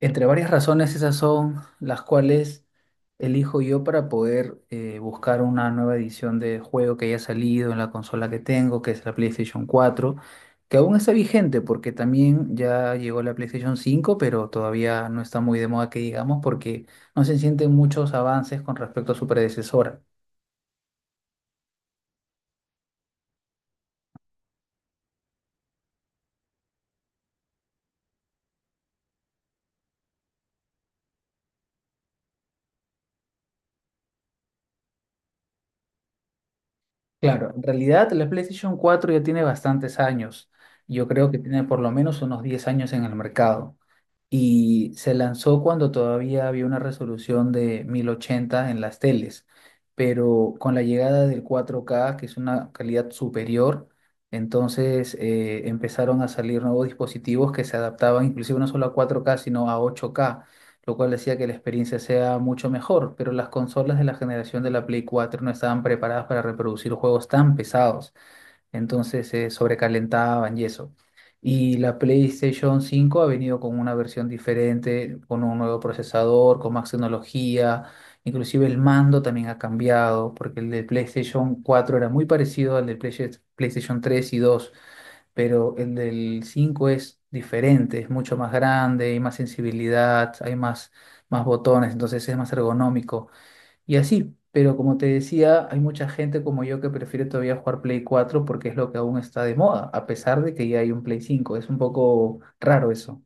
Entre varias razones, esas son las cuales elijo yo para poder buscar una nueva edición de juego que haya salido en la consola que tengo, que es la PlayStation 4, que aún está vigente porque también ya llegó la PlayStation 5, pero todavía no está muy de moda que digamos porque no se sienten muchos avances con respecto a su predecesora. Claro, en realidad la PlayStation 4 ya tiene bastantes años. Yo creo que tiene por lo menos unos 10 años en el mercado. Y se lanzó cuando todavía había una resolución de 1080 en las teles, pero con la llegada del 4K, que es una calidad superior, entonces empezaron a salir nuevos dispositivos que se adaptaban inclusive no solo a 4K, sino a 8K, lo cual decía que la experiencia sea mucho mejor, pero las consolas de la generación de la Play 4 no estaban preparadas para reproducir juegos tan pesados, entonces se sobrecalentaban y eso. Y la PlayStation 5 ha venido con una versión diferente, con un nuevo procesador, con más tecnología, inclusive el mando también ha cambiado, porque el del PlayStation 4 era muy parecido al del PlayStation 3 y 2, pero el del 5 es diferente, es mucho más grande, hay más sensibilidad, hay más botones, entonces es más ergonómico. Y así, pero como te decía, hay mucha gente como yo que prefiere todavía jugar Play cuatro porque es lo que aún está de moda, a pesar de que ya hay un Play cinco. Es un poco raro eso.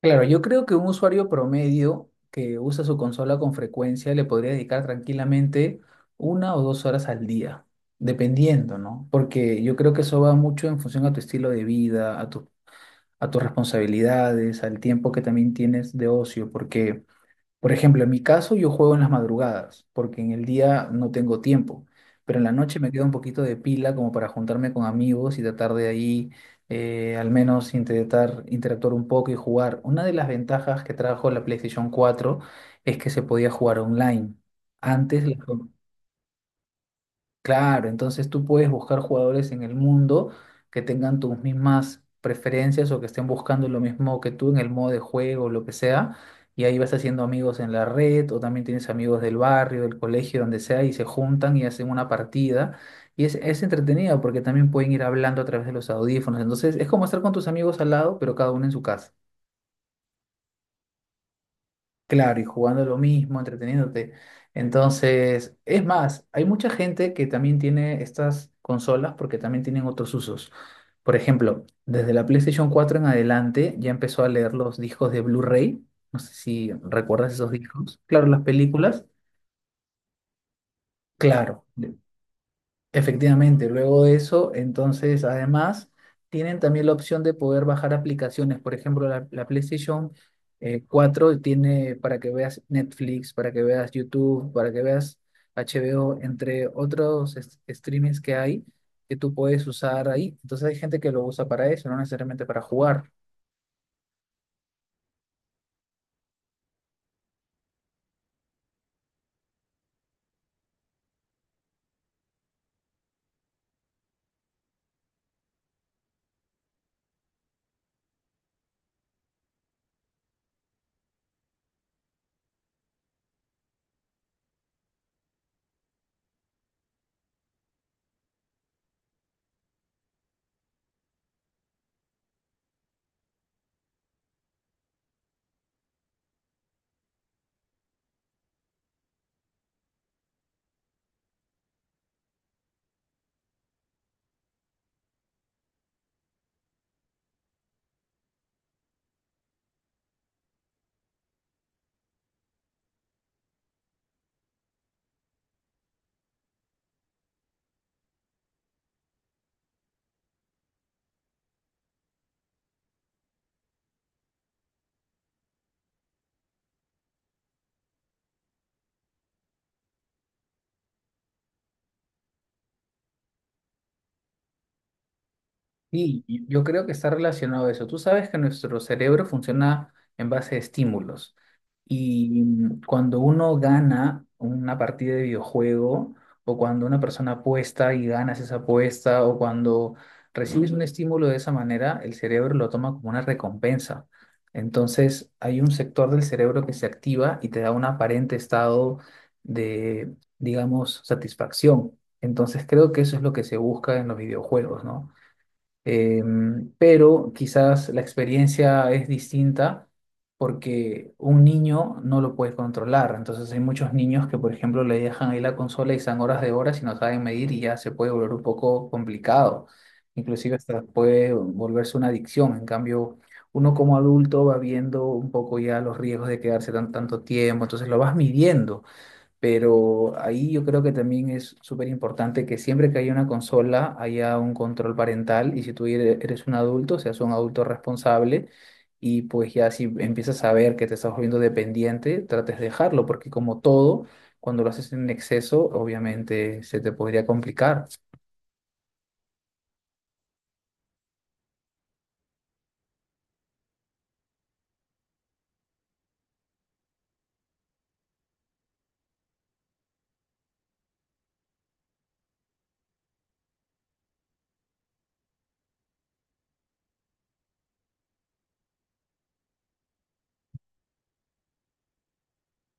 Claro, yo creo que un usuario promedio que usa su consola con frecuencia le podría dedicar tranquilamente 1 o 2 horas al día, dependiendo, ¿no? Porque yo creo que eso va mucho en función a tu estilo de vida, a tus responsabilidades, al tiempo que también tienes de ocio, porque. Por ejemplo, en mi caso yo juego en las madrugadas, porque en el día no tengo tiempo, pero en la noche me queda un poquito de pila como para juntarme con amigos y tratar de ahí al menos intentar interactuar un poco y jugar. Una de las ventajas que trajo la PlayStation 4 es que se podía jugar online. Antes las, Claro, entonces tú puedes buscar jugadores en el mundo que tengan tus mismas preferencias o que estén buscando lo mismo que tú en el modo de juego o lo que sea, y ahí vas haciendo amigos en la red o también tienes amigos del barrio, del colegio, donde sea, y se juntan y hacen una partida. Y es entretenido porque también pueden ir hablando a través de los audífonos, entonces es como estar con tus amigos al lado, pero cada uno en su casa. Claro, y jugando lo mismo, entreteniéndote. Entonces, es más, hay mucha gente que también tiene estas consolas porque también tienen otros usos. Por ejemplo, desde la PlayStation 4 en adelante ya empezó a leer los discos de Blu-ray. No sé si recuerdas esos discos. Claro, las películas. Claro. Efectivamente, luego de eso, entonces además tienen también la opción de poder bajar aplicaciones. Por ejemplo, la PlayStation 4 tiene para que veas Netflix, para que veas YouTube, para que veas HBO, entre otros streamings que hay que tú puedes usar ahí. Entonces hay gente que lo usa para eso, no necesariamente para jugar. Sí, y yo creo que está relacionado a eso. Tú sabes que nuestro cerebro funciona en base a estímulos. Y cuando uno gana una partida de videojuego, o cuando una persona apuesta y ganas esa apuesta, o cuando recibes un estímulo de esa manera, el cerebro lo toma como una recompensa. Entonces, hay un sector del cerebro que se activa y te da un aparente estado de, digamos, satisfacción. Entonces, creo que eso es lo que se busca en los videojuegos, ¿no? Pero quizás la experiencia es distinta porque un niño no lo puede controlar. Entonces hay muchos niños que, por ejemplo, le dejan ahí la consola y están horas de horas y no saben medir y ya se puede volver un poco complicado. Inclusive hasta puede volverse una adicción. En cambio, uno como adulto va viendo un poco ya los riesgos de quedarse tan, tanto tiempo, entonces lo vas midiendo. Pero ahí yo creo que también es súper importante que siempre que haya una consola haya un control parental y si tú eres un adulto, seas un adulto responsable y pues ya si empiezas a ver que te estás volviendo dependiente, trates de dejarlo porque como todo, cuando lo haces en exceso, obviamente se te podría complicar.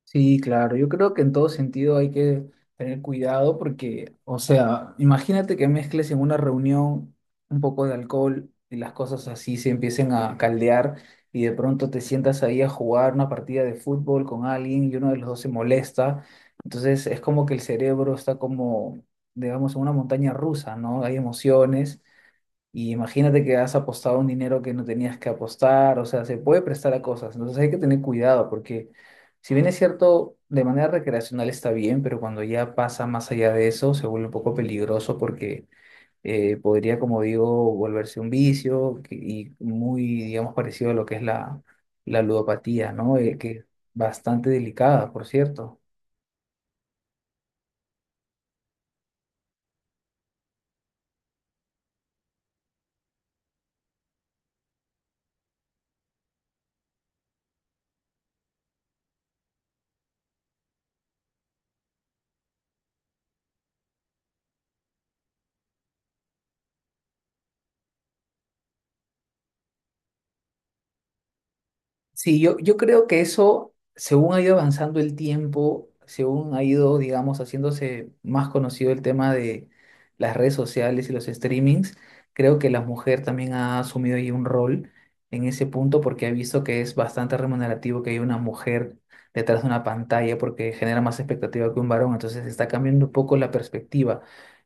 Sí, claro, yo creo que en todo sentido hay que tener cuidado porque, o sea, imagínate que mezcles en una reunión un poco de alcohol y las cosas así se empiecen a caldear y de pronto te sientas ahí a jugar una partida de fútbol con alguien y uno de los dos se molesta. Entonces es como que el cerebro está como, digamos, en una montaña rusa, ¿no? Hay emociones y imagínate que has apostado un dinero que no tenías que apostar, o sea, se puede prestar a cosas. Entonces hay que tener cuidado porque si bien es cierto, de manera recreacional está bien, pero cuando ya pasa más allá de eso, se vuelve un poco peligroso porque podría, como digo, volverse un vicio y muy, digamos, parecido a lo que es la ludopatía, ¿no? Que es bastante delicada, por cierto. Sí, yo creo que eso, según ha ido avanzando el tiempo, según ha ido, digamos, haciéndose más conocido el tema de las redes sociales y los streamings, creo que la mujer también ha asumido ahí un rol en ese punto porque ha visto que es bastante remunerativo que haya una mujer detrás de una pantalla porque genera más expectativa que un varón, entonces está cambiando un poco la perspectiva.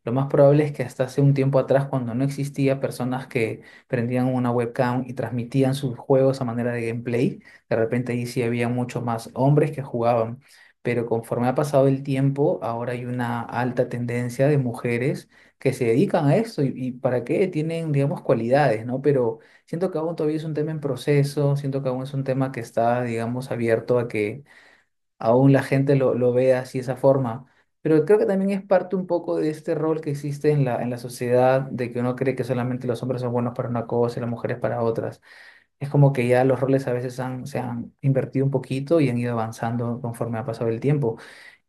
Lo más probable es que hasta hace un tiempo atrás, cuando no existía personas que prendían una webcam y transmitían sus juegos a manera de gameplay, de repente ahí sí había mucho más hombres que jugaban, pero conforme ha pasado el tiempo, ahora hay una alta tendencia de mujeres que se dedican a esto y para qué tienen, digamos, cualidades, ¿no? Pero siento que aún todavía es un tema en proceso, siento que aún es un tema que está, digamos, abierto a que aún la gente lo vea así de esa forma. Pero creo que también es parte un poco de este rol que existe en la sociedad, de que uno cree que solamente los hombres son buenos para una cosa y las mujeres para otras. Es como que ya los roles a veces han, se han invertido un poquito y han ido avanzando conforme ha pasado el tiempo.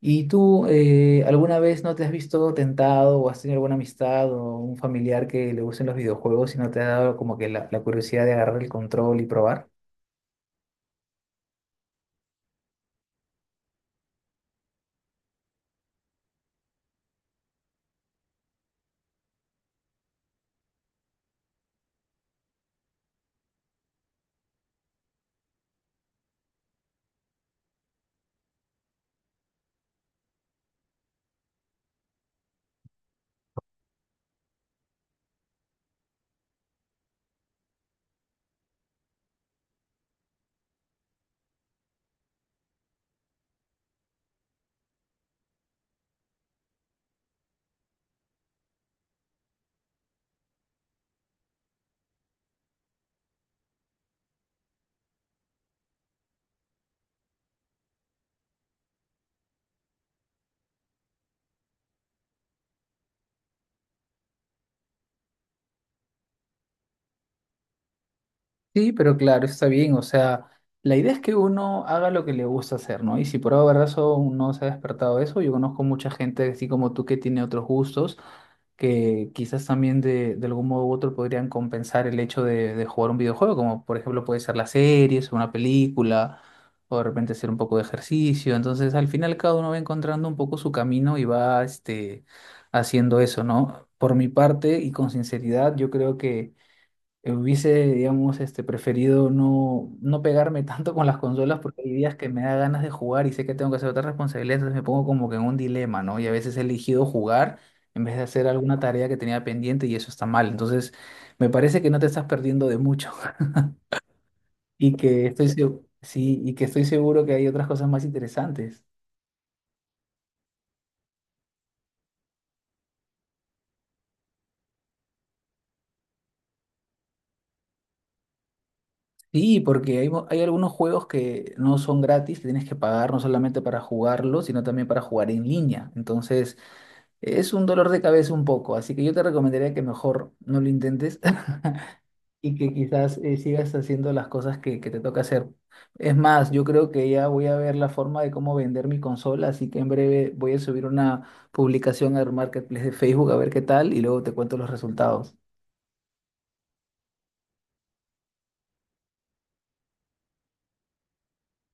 ¿Y tú alguna vez no te has visto tentado o has tenido alguna amistad o un familiar que le gusten los videojuegos y no te ha dado como que la curiosidad de agarrar el control y probar? Sí, pero claro, está bien. O sea, la idea es que uno haga lo que le gusta hacer, ¿no? Y si por alguna razón no se ha despertado eso, yo conozco mucha gente así como tú que tiene otros gustos, que quizás también de algún modo u otro podrían compensar el hecho de jugar un videojuego, como por ejemplo puede ser las series, una película, o de repente hacer un poco de ejercicio. Entonces, al final cada uno va encontrando un poco su camino y va este, haciendo eso, ¿no? Por mi parte y con sinceridad, yo creo que hubiese, digamos, este, preferido no pegarme tanto con las consolas porque hay días que me da ganas de jugar y sé que tengo que hacer otras responsabilidades, entonces me pongo como que en un dilema, ¿no? Y a veces he elegido jugar en vez de hacer alguna tarea que tenía pendiente y eso está mal. Entonces, me parece que no te estás perdiendo de mucho y que estoy, sí, y que estoy seguro que hay otras cosas más interesantes. Sí, porque hay algunos juegos que no son gratis, que tienes que pagar no solamente para jugarlos, sino también para jugar en línea. Entonces. Es un dolor de cabeza un poco, así que yo te recomendaría que mejor no lo intentes y que quizás sigas haciendo las cosas que te toca hacer. Es más, yo creo que ya voy a ver la forma de cómo vender mi consola, así que en breve voy a subir una publicación al Marketplace de Facebook a ver qué tal y luego te cuento los resultados.